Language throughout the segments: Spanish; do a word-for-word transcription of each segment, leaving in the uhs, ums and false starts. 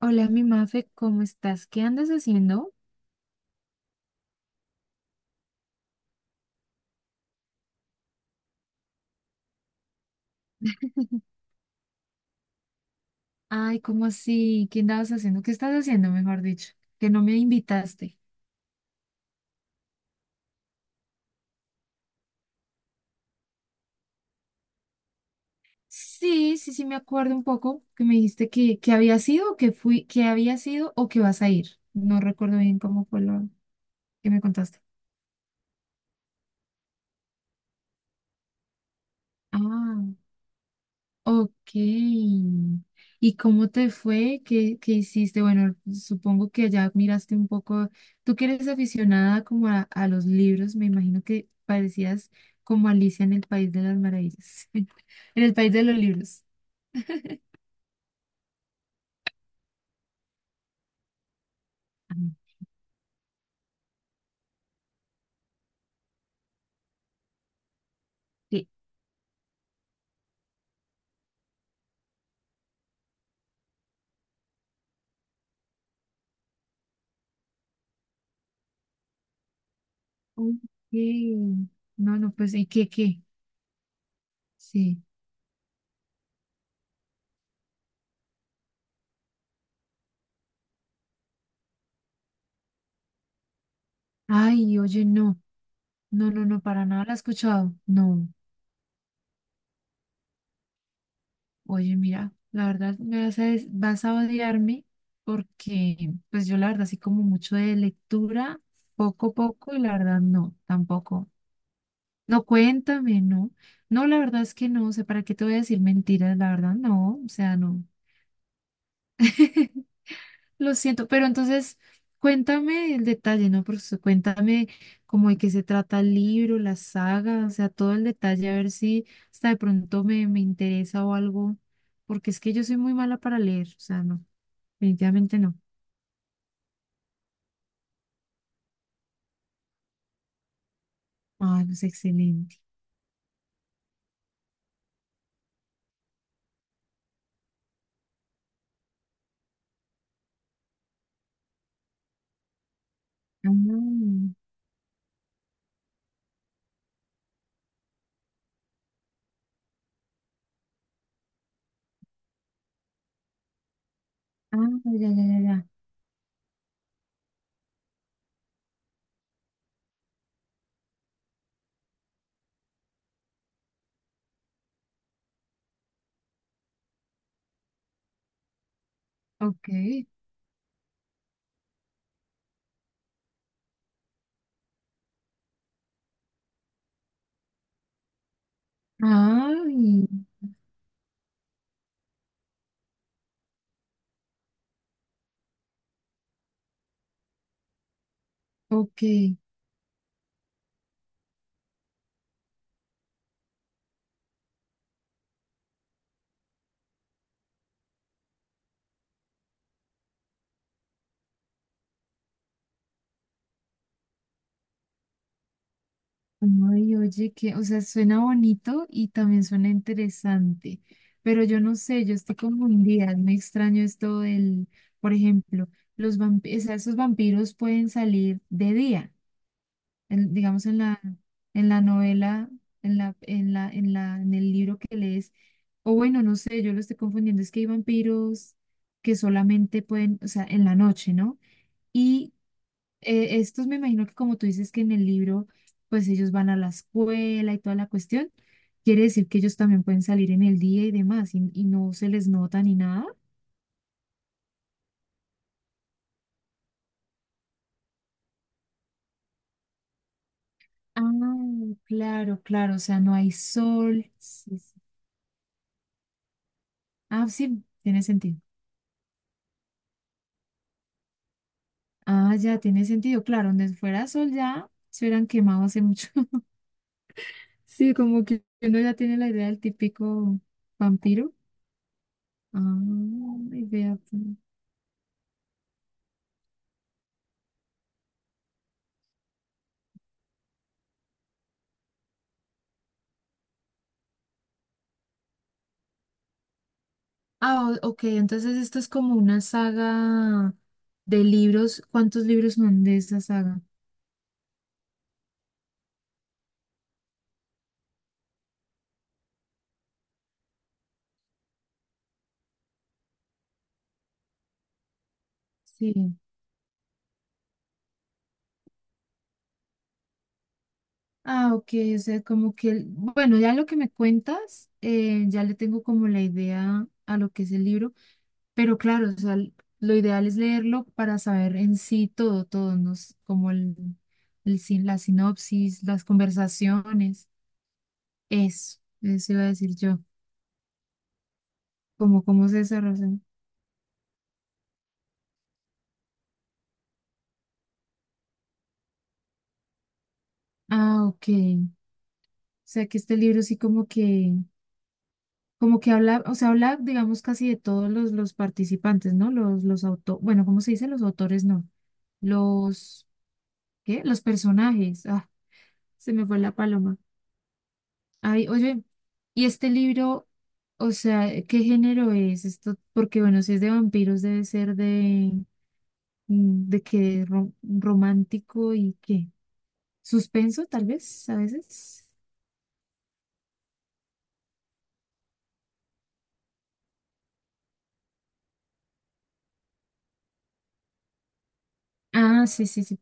Hola, mi Mafe, ¿cómo estás? ¿Qué andas haciendo? Ay, ¿cómo así? ¿Qué andabas haciendo? ¿Qué estás haciendo, mejor dicho? Que no me invitaste. Sí, sí, sí, me acuerdo un poco que me dijiste que, que había sido, que fui, que había sido o que vas a ir. No recuerdo bien cómo fue lo que me contaste. Ah. Ok. ¿Y cómo te fue? ¿Qué, qué hiciste? Bueno, supongo que ya miraste un poco. Tú que eres aficionada como a, a los libros, me imagino que parecías como Alicia en el País de las Maravillas, en el País de los Libros. Ah. Sí. Ok. No, no, pues, ¿y qué, qué? Sí. Ay, oye, no, no, no, no, para nada la he escuchado. No. Oye, mira, la verdad me vas a, des- vas a odiarme porque pues yo la verdad sí como mucho de lectura, poco a poco y la verdad no, tampoco. No, cuéntame, no. No, la verdad es que no, o sea, ¿para qué te voy a decir mentiras? La verdad no, o sea, no. Lo siento, pero entonces cuéntame el detalle, ¿no? Por su- cuéntame cómo de qué se trata el libro, la saga, o sea, todo el detalle, a ver si hasta de pronto me, me interesa o algo, porque es que yo soy muy mala para leer, o sea, no, definitivamente no. Ah, no, es excelente. Ah, ah, ya, ya, ya, ya. Ok. Ay, ok. Ay, oye, que, o sea, suena bonito y también suena interesante, pero yo no sé, yo estoy confundida, me extraño esto del, por ejemplo, los vampiros, o sea, esos vampiros pueden salir de día, en- digamos en la, en la novela, en la, en la, en la, en el libro que lees, o bueno, no sé, yo lo estoy confundiendo, es que hay vampiros que solamente pueden, o sea, en la noche, ¿no? Y eh, estos me imagino que como tú dices que en el libro, pues ellos van a la escuela y toda la cuestión, quiere decir que ellos también pueden salir en el día y demás y, y no se les nota ni nada. Ah, claro, claro, o sea, no hay sol. Sí, sí. Ah, sí, tiene sentido. Ah, ya, tiene sentido. Claro, donde fuera sol ya se hubieran quemado hace mucho. Sí, como que uno ya tiene la idea del típico vampiro. Ah, idea. Ah, o- ok, entonces esto es como una saga de libros. ¿Cuántos libros son de esta saga? Sí. Ah, ok, o sea, como que, el- bueno, ya lo que me cuentas, eh, ya le tengo como la idea a lo que es el libro, pero claro, o sea, l- lo ideal es leerlo para saber en sí todo, todo, ¿no? S- Como el, el sin- la sinopsis, las conversaciones, eso, eso iba a decir yo, como cómo se desarrolla. Ah, ok. O sea que este libro sí como que como que habla, o sea, habla, digamos, casi de todos los, los participantes, ¿no? Los, los autores, bueno, ¿cómo se dice? Los autores, no. Los, ¿qué? Los personajes. Ah, se me fue la paloma. Ay, oye, ¿y este libro, o sea, eh, qué género es esto? Porque, bueno, si es de vampiros, debe ser de, mm, de qué, ro- romántico y qué. Suspenso, tal vez, a veces. Ah, sí, sí, sí.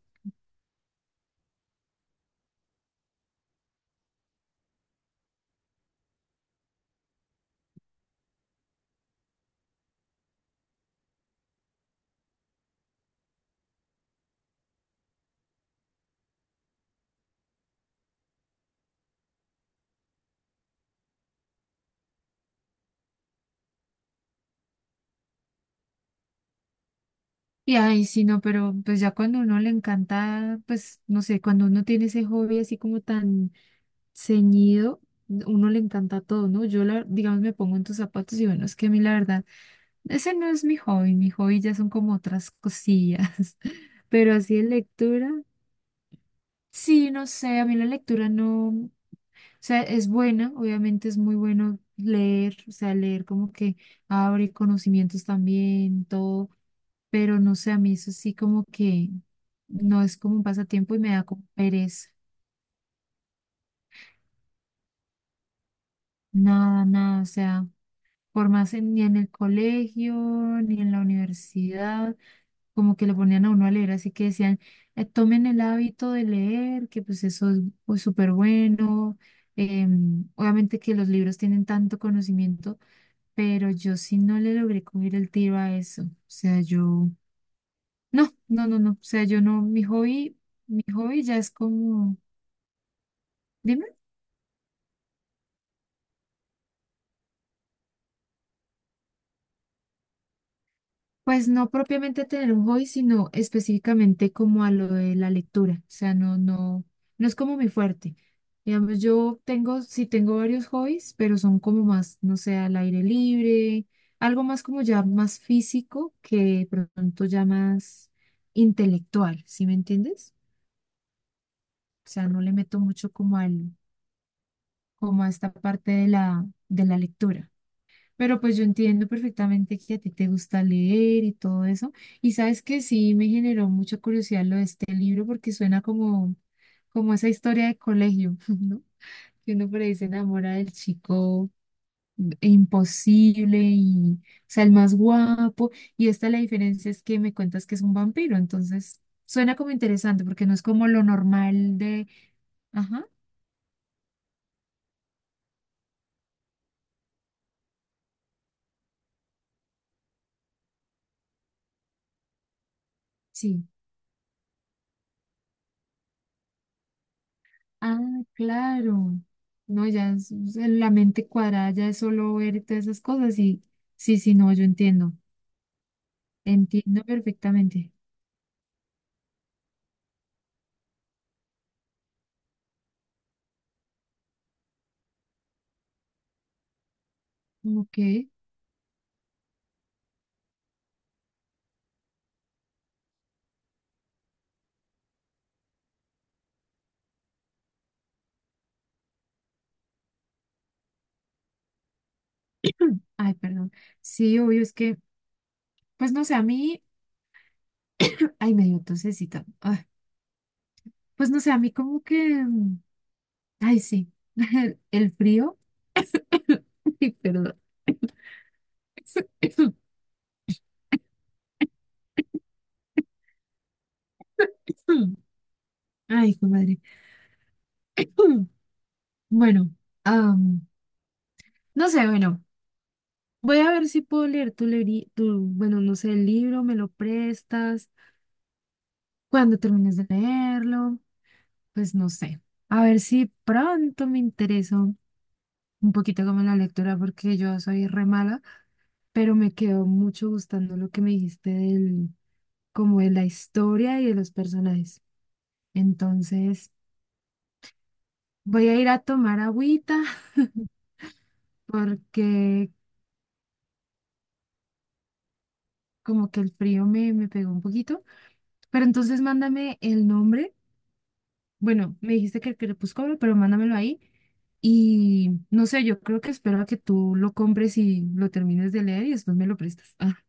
Y ay, sí, no, pero pues ya cuando uno le encanta, pues no sé, cuando uno tiene ese hobby así como tan ceñido, uno le encanta todo, ¿no? Yo, la- digamos, me pongo en tus zapatos y bueno, es que a mí la verdad, ese no es mi hobby, mi hobby ya son como otras cosillas, pero así de lectura, sí, no sé, a mí la lectura no, o sea, es buena, obviamente es muy bueno leer, o sea, leer como que abre conocimientos también, todo, pero no sé, a mí eso sí como que no es como un pasatiempo y me da como pereza. Nada, nada, o sea, por más en- ni en el colegio, ni en la universidad, como que le ponían a uno a leer, así que decían, eh, tomen el hábito de leer, que pues eso es pues, súper bueno. Em, obviamente que los libros tienen tanto conocimiento, pero yo sí no le logré coger el tiro a eso. O sea, yo, no, no, no, no, o sea, yo no, mi hobby... Mi hobby ya es como dime, pues no propiamente tener un hobby, sino específicamente como a lo de la lectura. O sea, no, no, no es como mi fuerte. Digamos, yo tengo, sí tengo varios hobbies, pero son como más, no sé, al aire libre, algo más como ya más físico que de pronto ya más intelectual, ¿sí me entiendes? O sea, no le meto mucho como al, como a esta parte de la, de la lectura. Pero pues yo entiendo perfectamente que a ti te gusta leer y todo eso. Y sabes que sí me generó mucha curiosidad lo de este libro porque suena como, como esa historia de colegio, ¿no? Que uno por ahí se enamora del chico imposible y, o sea, el más guapo. Y esta la diferencia es que me cuentas que es un vampiro. Entonces, suena como interesante porque no es como lo normal de, ajá, sí. Ah, claro. No, ya es- es la mente cuadrada ya es solo ver todas esas cosas y sí, sí, no, yo entiendo. Entiendo perfectamente. Ok. Ay, perdón. Sí, obvio, es que, pues no sé, a mí, ay, me dio tosecita. Ay, pues no sé, a mí como que, mm, ay, sí, el, el frío. Ay, perdón. Ay, hijo de madre. Bueno, am, no sé, bueno. Voy a ver si puedo leer tu, leeri- tu, bueno, no sé, el libro, me lo prestas, cuando termines de leerlo, pues no sé. A ver si pronto me intereso un poquito como en la lectura, porque yo soy re mala, pero me quedó mucho gustando lo que me dijiste del, como de la historia y de los personajes. Entonces, voy a ir a tomar agüita, porque como que el frío me, me pegó un poquito, pero entonces mándame el nombre. Bueno, me dijiste que el crepúsculo, pero mándamelo ahí. Y no sé, yo creo que espero a que tú lo compres y lo termines de leer y después me lo prestas. Ah,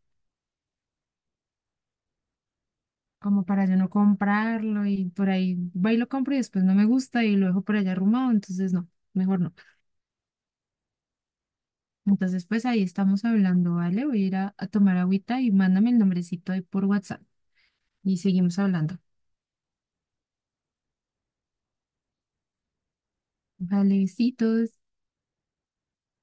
como para yo no comprarlo y por ahí va y lo compro y después no me gusta y lo dejo por allá arrumado, entonces no, mejor no. Entonces, pues ahí estamos hablando, ¿vale? Voy a ir a, a tomar agüita y mándame el nombrecito ahí por WhatsApp y seguimos hablando. Vale, besitos.